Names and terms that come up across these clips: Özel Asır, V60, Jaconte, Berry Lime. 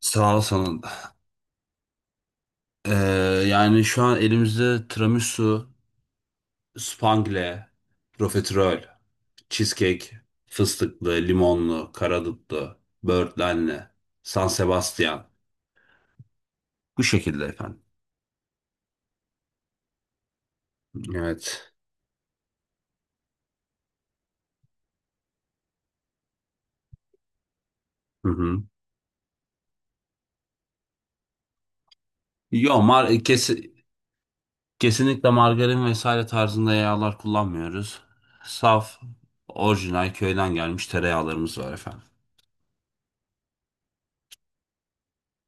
Sağ ol sana. Ee, Yani şu an elimizde tiramisu, spangle, profiterol, cheesecake, fıstıklı, limonlu, karadutlu, böğürtlenli, San Sebastian. Bu şekilde efendim. Evet. Hı hı. Yo, kesinlikle margarin vesaire tarzında yağlar kullanmıyoruz. Saf, orijinal köyden gelmiş tereyağlarımız var efendim.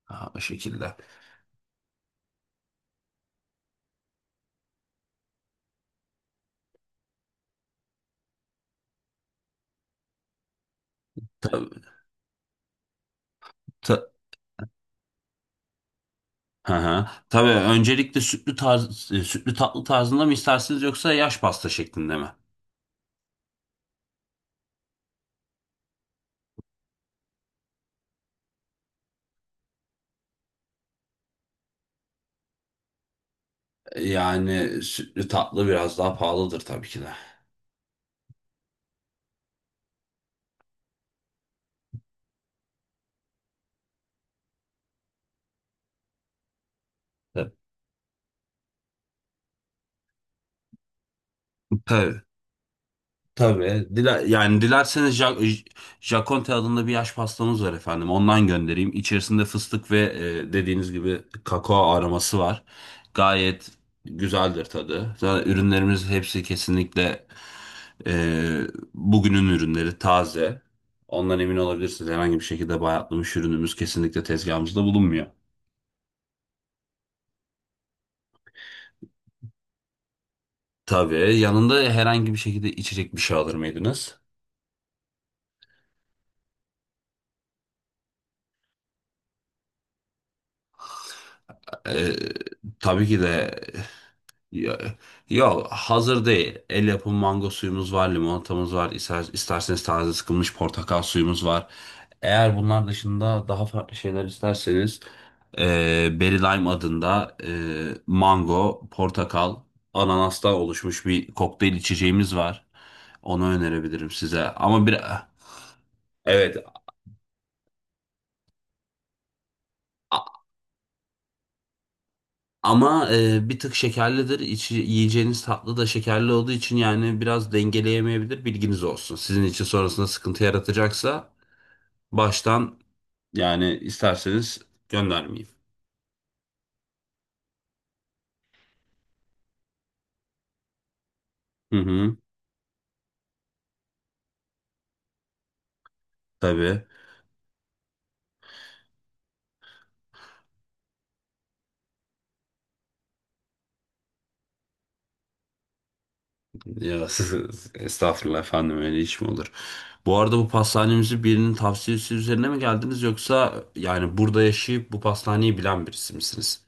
Ha, bu şekilde. Tabii, ta- Hı hı. Tabii öncelikle sütlü tatlı tarzında mı istersiniz yoksa yaş pasta şeklinde mi? Yani sütlü tatlı biraz daha pahalıdır tabii ki de. Evet. Tabii. Tabii. Yani dilerseniz Jaconte adında bir yaş pastamız var efendim. Ondan göndereyim. İçerisinde fıstık ve dediğiniz gibi kakao aroması var. Gayet güzeldir tadı. Zaten ürünlerimiz hepsi kesinlikle e, bugünün ürünleri, taze. Ondan emin olabilirsiniz. Herhangi bir şekilde bayatlamış ürünümüz kesinlikle tezgahımızda bulunmuyor. Tabii. Yanında herhangi bir şekilde içecek bir şey alır mıydınız? E, tabii ki de. Ya, yok, hazır değil. El yapımı mango suyumuz var, limonatamız var. İster, isterseniz taze sıkılmış portakal suyumuz var. Eğer bunlar dışında daha farklı şeyler isterseniz e, Berry Lime adında mango, portakal, ananastan oluşmuş bir kokteyl içeceğimiz var. Onu önerebilirim size. Ama bir evet. Ama bir tık şekerlidir. İçi, yiyeceğiniz tatlı da şekerli olduğu için yani biraz dengeleyemeyebilir. Bilginiz olsun. Sizin için sonrasında sıkıntı yaratacaksa baştan yani isterseniz göndermeyeyim. Hı hı, tabii. Ya, estağfurullah efendim, öyle iş mi olur? Bu arada bu pastanemizi birinin tavsiyesi üzerine mi geldiniz, yoksa yani burada yaşayıp bu pastaneyi bilen birisi misiniz?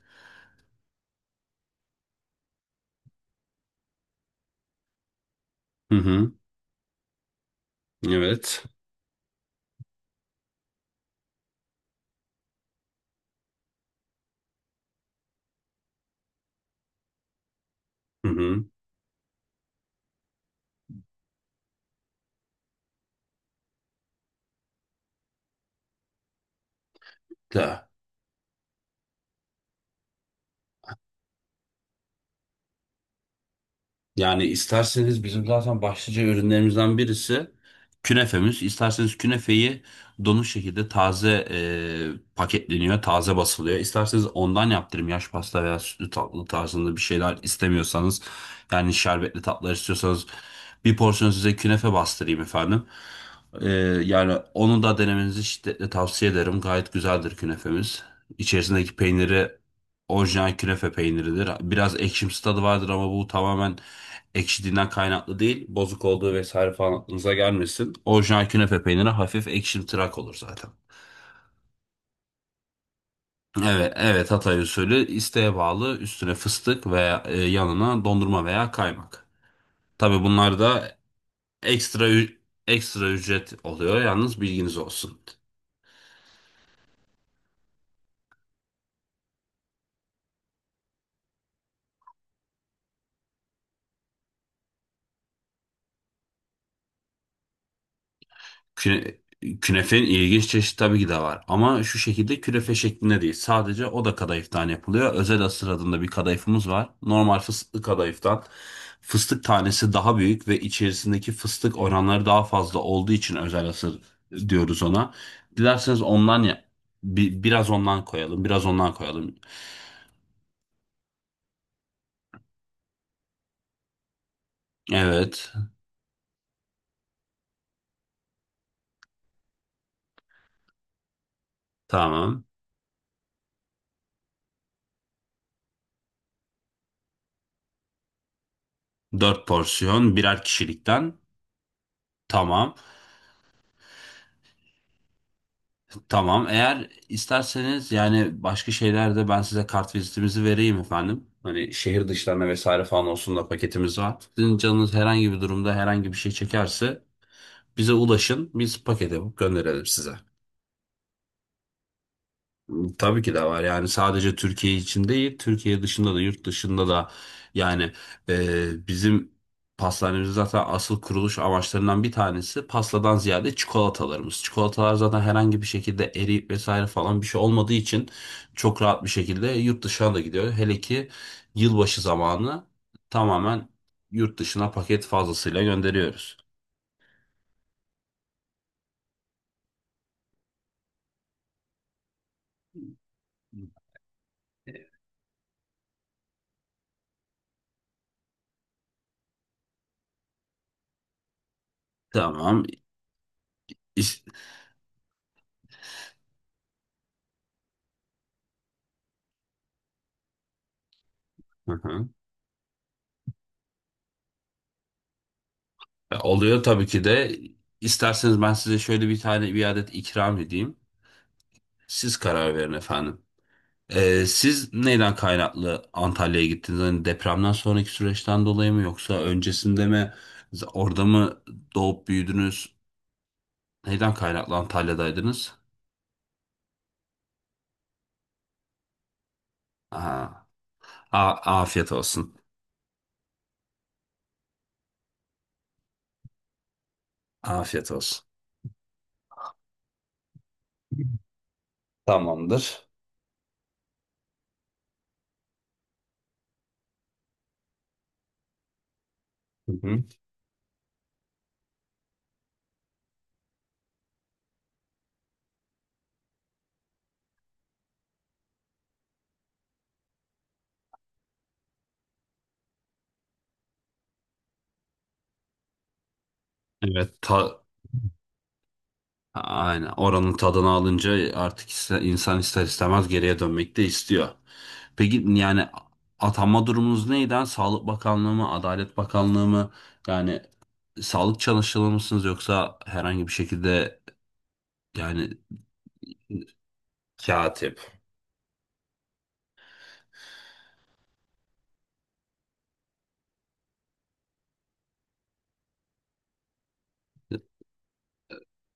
Hı hı, evet. Hı hı. Da. Yani isterseniz bizim zaten başlıca ürünlerimizden birisi künefemiz. İsterseniz künefeyi donuk şekilde taze paketleniyor, taze basılıyor. İsterseniz ondan yaptırım. Yaş pasta veya sütlü tatlı tarzında bir şeyler istemiyorsanız, yani şerbetli tatlılar istiyorsanız bir porsiyon size künefe bastırayım efendim. E, Yani onu da denemenizi şiddetle tavsiye ederim. Gayet güzeldir künefemiz. İçerisindeki peyniri orijinal künefe peyniridir. Biraz ekşimsi tadı vardır, ama bu tamamen ekşidiğinden kaynaklı değil, bozuk olduğu vesaire falan aklınıza gelmesin. Orijinal künefe peyniri hafif ekşimtırak olur zaten. Evet, evet, Hatay usulü, isteğe bağlı üstüne fıstık veya yanına dondurma veya kaymak. Tabii bunlar da ekstra ü- ekstra ücret oluyor, yalnız bilginiz olsun. Küne, künefenin ilginç çeşit tabii ki de var. Ama şu şekilde künefe şeklinde değil. Sadece o da kadayıftan yapılıyor. Özel asır adında bir kadayıfımız var. Normal fıstıklı kadayıftan. Fıstık tanesi daha büyük ve içerisindeki fıstık oranları daha fazla olduğu için özel asır diyoruz ona. Dilerseniz ondan ya biraz ondan koyalım, biraz ondan koyalım. Evet, tamam. Dört porsiyon birer kişilikten. Tamam. Tamam. Eğer isterseniz yani başka şeylerde ben size kart vizitimizi vereyim efendim. Hani şehir dışlarına vesaire falan olsun da, paketimiz var. Sizin canınız herhangi bir durumda herhangi bir şey çekerse bize ulaşın. Biz paket yapıp gönderelim size. Tabii ki de var. Yani sadece Türkiye için değil, Türkiye dışında da, yurt dışında da, yani bizim pastanemizin zaten asıl kuruluş amaçlarından bir tanesi pastadan ziyade çikolatalarımız. Çikolatalar zaten herhangi bir şekilde eriyip vesaire falan bir şey olmadığı için çok rahat bir şekilde yurt dışına da gidiyor. Hele ki yılbaşı zamanı tamamen yurt dışına paket fazlasıyla gönderiyoruz. Tamam. İş... Oluyor tabii ki de. İsterseniz ben size şöyle bir tane bir adet ikram edeyim. Siz karar verin efendim. Siz neyden kaynaklı Antalya'ya gittiniz? Hani depremden sonraki süreçten dolayı mı, yoksa öncesinde mi? Orada mı doğup büyüdünüz? Neyden kaynaklı Antalya'daydınız? Aha. A- Afiyet olsun. Afiyet olsun. Tamamdır. Hı hı. Evet, aynen oranın tadını alınca artık insan ister istemez geriye dönmek de istiyor. Peki yani atanma durumunuz neydi, ha? Sağlık Bakanlığı mı, Adalet Bakanlığı mı? Yani sağlık çalışanı mısınız, yoksa herhangi bir şekilde yani. Katip.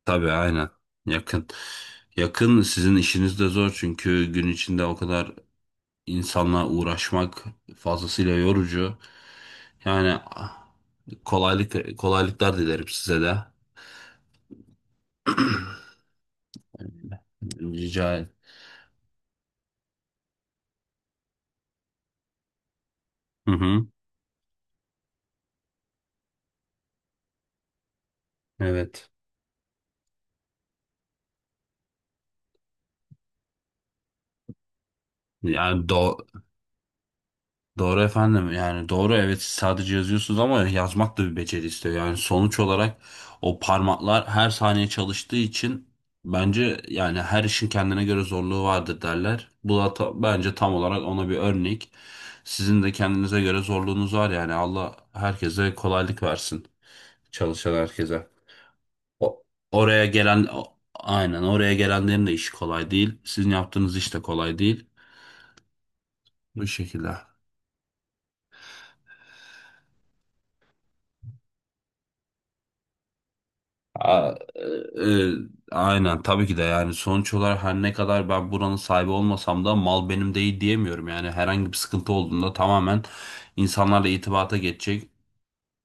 Tabii, aynen. Yakın. Yakın. Sizin işiniz de zor, çünkü gün içinde o kadar insanla uğraşmak fazlasıyla yorucu. Yani kolaylık, kolaylıklar dilerim size de. Rica ederim. Hı hı. Evet. Yani doğru efendim, yani doğru, evet, siz sadece yazıyorsunuz ama yazmak da bir beceri istiyor. Yani sonuç olarak, o parmaklar her saniye çalıştığı için, bence yani her işin kendine göre zorluğu vardır derler. Bu da bence tam olarak ona bir örnek. Sizin de kendinize göre zorluğunuz var yani. Allah herkese kolaylık versin, çalışan herkese. O, aynen, oraya gelenlerin de işi kolay değil. Sizin yaptığınız iş de kolay değil. Bu şekilde. A- e, e, aynen tabii ki de. Yani sonuç olarak, her ne kadar ben buranın sahibi olmasam da, mal benim değil diyemiyorum. Yani herhangi bir sıkıntı olduğunda tamamen insanlarla irtibata geçecek,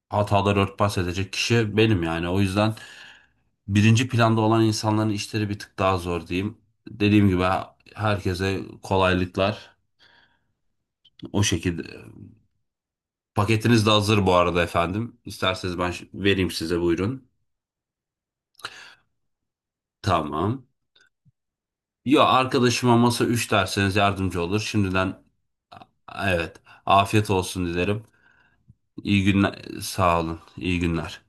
hataları örtbas edecek kişi benim yani. O yüzden birinci planda olan insanların işleri bir tık daha zor diyeyim. Dediğim gibi, herkese kolaylıklar o şekilde. Paketiniz de hazır bu arada efendim. İsterseniz ben vereyim size, buyurun. Tamam. Ya, arkadaşıma masa 3 derseniz yardımcı olur. Şimdiden evet, afiyet olsun dilerim. İyi günler, sağ olun. İyi günler.